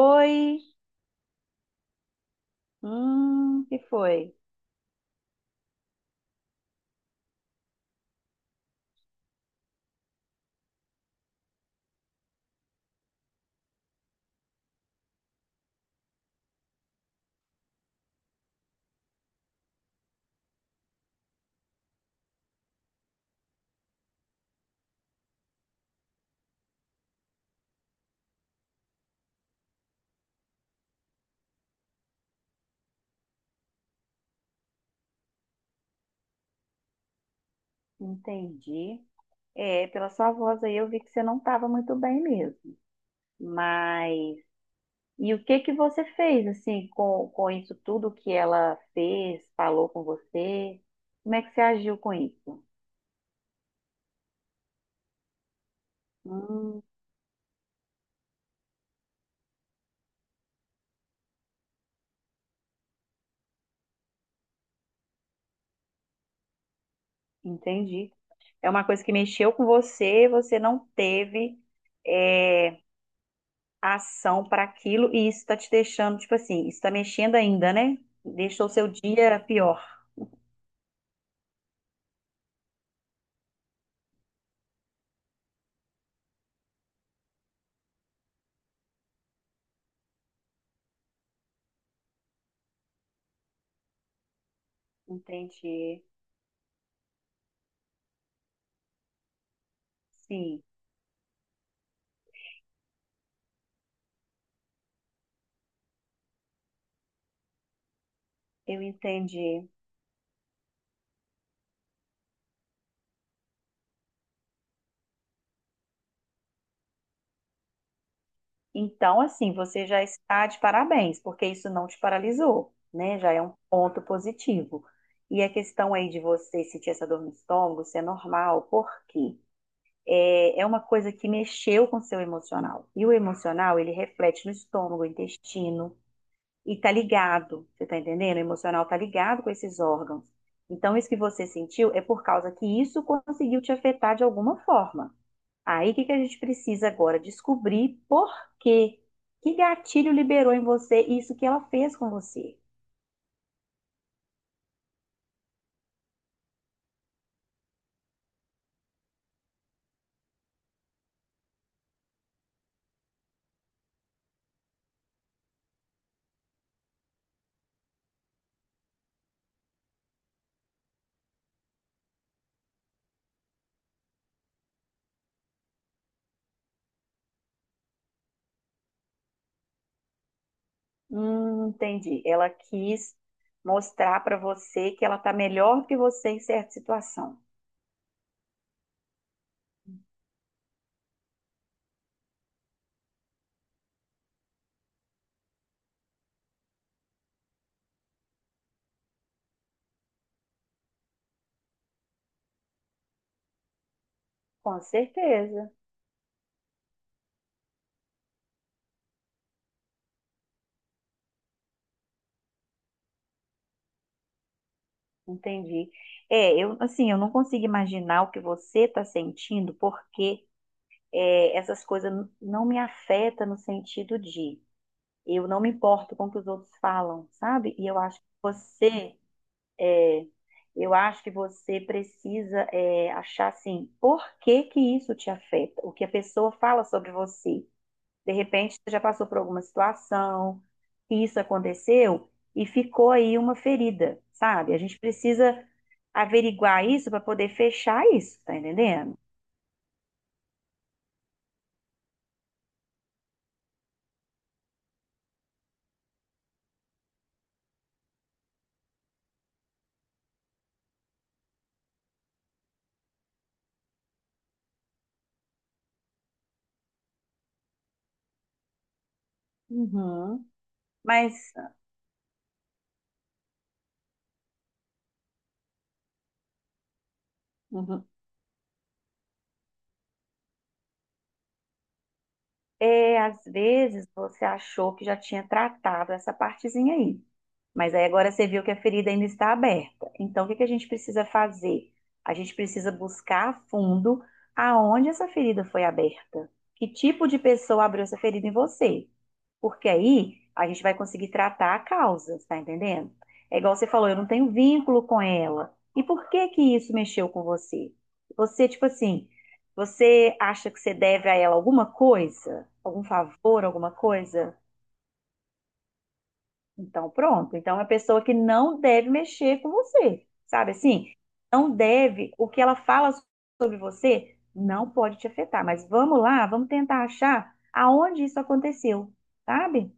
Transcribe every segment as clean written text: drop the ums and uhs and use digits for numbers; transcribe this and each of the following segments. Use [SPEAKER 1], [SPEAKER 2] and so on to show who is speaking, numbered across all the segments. [SPEAKER 1] Oi, que foi? Entendi. É, pela sua voz aí eu vi que você não estava muito bem mesmo. Mas e o que que você fez assim com isso tudo que ela fez, falou com você? Como é que você agiu com isso? Hum, entendi. É uma coisa que mexeu com você, você não teve é, ação para aquilo e isso está te deixando, tipo assim, isso está mexendo ainda, né? Deixou seu dia pior. Entendi. Sim, eu entendi. Então, assim, você já está de parabéns, porque isso não te paralisou, né? Já é um ponto positivo. E a questão aí de você sentir essa dor no estômago, isso é normal, porque é uma coisa que mexeu com o seu emocional. E o emocional, ele reflete no estômago, intestino, e tá ligado, você tá entendendo? O emocional tá ligado com esses órgãos. Então, isso que você sentiu é por causa que isso conseguiu te afetar de alguma forma. Aí, o que que a gente precisa agora? Descobrir por quê. Que gatilho liberou em você isso que ela fez com você? Entendi. Ela quis mostrar para você que ela tá melhor que você em certa situação. Com certeza, entendi. É, eu, assim, eu não consigo imaginar o que você está sentindo, porque essas coisas não me afetam no sentido de eu não me importo com o que os outros falam, sabe? E eu acho que você é, eu acho que você precisa achar assim, por que que isso te afeta? O que a pessoa fala sobre você? De repente, você já passou por alguma situação, e isso aconteceu e ficou aí uma ferida, sabe? A gente precisa averiguar isso para poder fechar isso, tá entendendo? Uhum, mas uhum, é, às vezes você achou que já tinha tratado essa partezinha aí. Mas aí agora você viu que a ferida ainda está aberta. Então, o que que a gente precisa fazer? A gente precisa buscar a fundo aonde essa ferida foi aberta. Que tipo de pessoa abriu essa ferida em você? Porque aí a gente vai conseguir tratar a causa, tá entendendo? É igual você falou, eu não tenho vínculo com ela. E por que que isso mexeu com você? Você, tipo assim, você acha que você deve a ela alguma coisa? Algum favor, alguma coisa? Então, pronto. Então, é uma pessoa que não deve mexer com você, sabe assim? Não deve, o que ela fala sobre você não pode te afetar. Mas vamos lá, vamos tentar achar aonde isso aconteceu, sabe?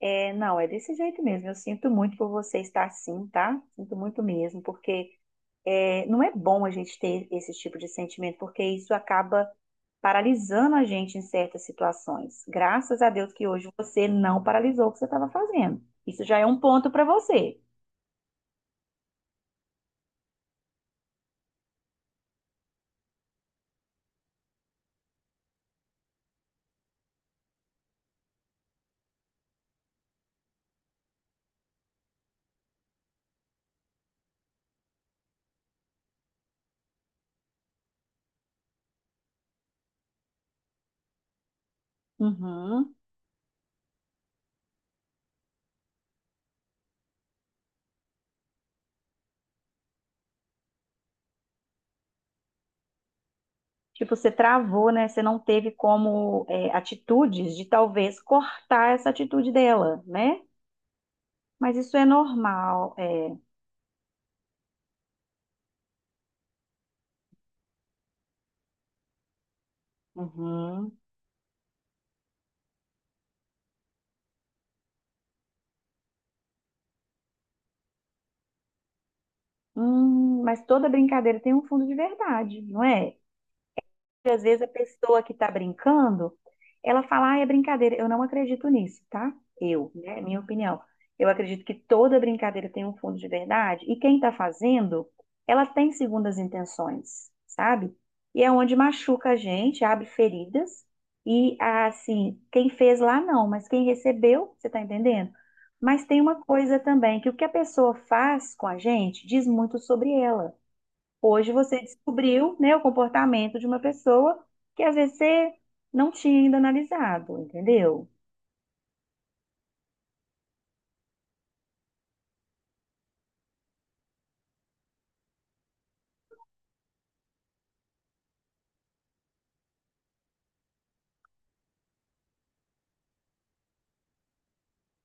[SPEAKER 1] É, não, é desse jeito mesmo. Eu sinto muito por você estar assim, tá? Sinto muito mesmo, porque não é bom a gente ter esse tipo de sentimento, porque isso acaba paralisando a gente em certas situações. Graças a Deus que hoje você não paralisou o que você estava fazendo. Isso já é um ponto para você. Uhum. Tipo, você travou, né? Você não teve como atitudes de talvez cortar essa atitude dela, né? Mas isso é normal, é. Uhum. Mas toda brincadeira tem um fundo de verdade, não é? Às vezes a pessoa que está brincando, ela fala, ah, é brincadeira. Eu não acredito nisso, tá? Eu, né? É minha opinião. Eu acredito que toda brincadeira tem um fundo de verdade e quem está fazendo, ela tem segundas intenções, sabe? E é onde machuca a gente, abre feridas e assim, quem fez lá não, mas quem recebeu, você está entendendo? Mas tem uma coisa também, que o que a pessoa faz com a gente diz muito sobre ela. Hoje você descobriu, né, o comportamento de uma pessoa que às vezes você não tinha ainda analisado, entendeu?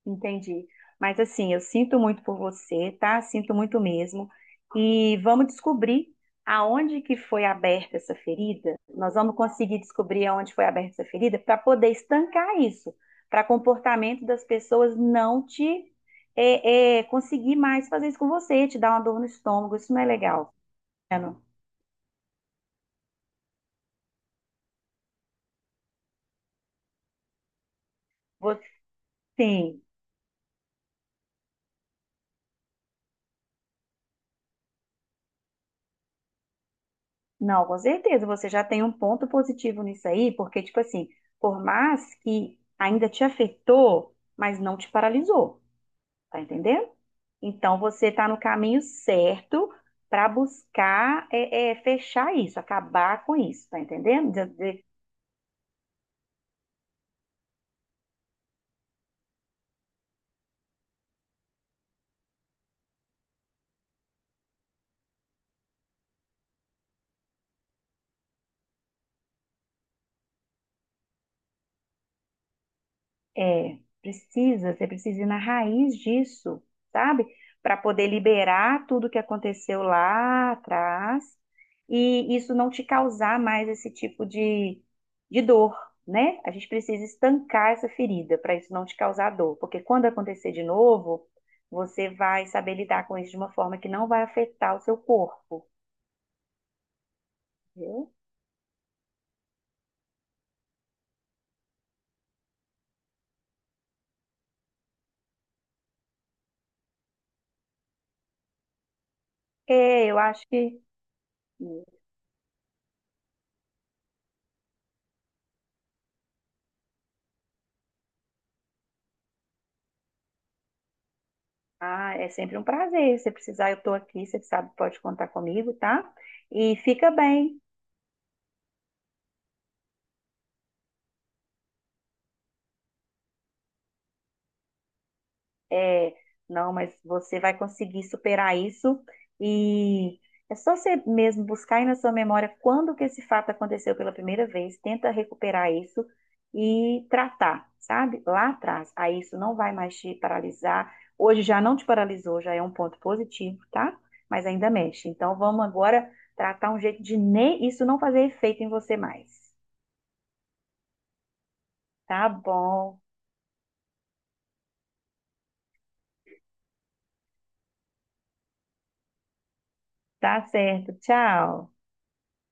[SPEAKER 1] Entendi. Mas assim, eu sinto muito por você, tá? Sinto muito mesmo. E vamos descobrir aonde que foi aberta essa ferida. Nós vamos conseguir descobrir aonde foi aberta essa ferida para poder estancar isso, para comportamento das pessoas não te conseguir mais fazer isso com você, te dar uma dor no estômago. Isso não é legal. Tá vendo? Você, não, com certeza, você já tem um ponto positivo nisso aí, porque, tipo assim, por mais que ainda te afetou, mas não te paralisou, tá entendendo? Então, você tá no caminho certo para buscar fechar isso, acabar com isso, tá entendendo? É, precisa, você precisa ir na raiz disso, sabe? Para poder liberar tudo que aconteceu lá atrás e isso não te causar mais esse tipo de dor, né? A gente precisa estancar essa ferida para isso não te causar dor, porque quando acontecer de novo, você vai saber lidar com isso de uma forma que não vai afetar o seu corpo, viu? É, eu acho que. Ah, é sempre um prazer. Se precisar, eu estou aqui, você sabe, pode contar comigo, tá? E fica bem. É, não, mas você vai conseguir superar isso e é só você mesmo buscar aí na sua memória quando que esse fato aconteceu pela primeira vez, tenta recuperar isso e tratar, sabe? Lá atrás. Aí isso não vai mais te paralisar. Hoje já não te paralisou, já é um ponto positivo, tá? Mas ainda mexe. Então vamos agora tratar um jeito de nem isso não fazer efeito em você mais. Tá bom, tá certo. Tchau.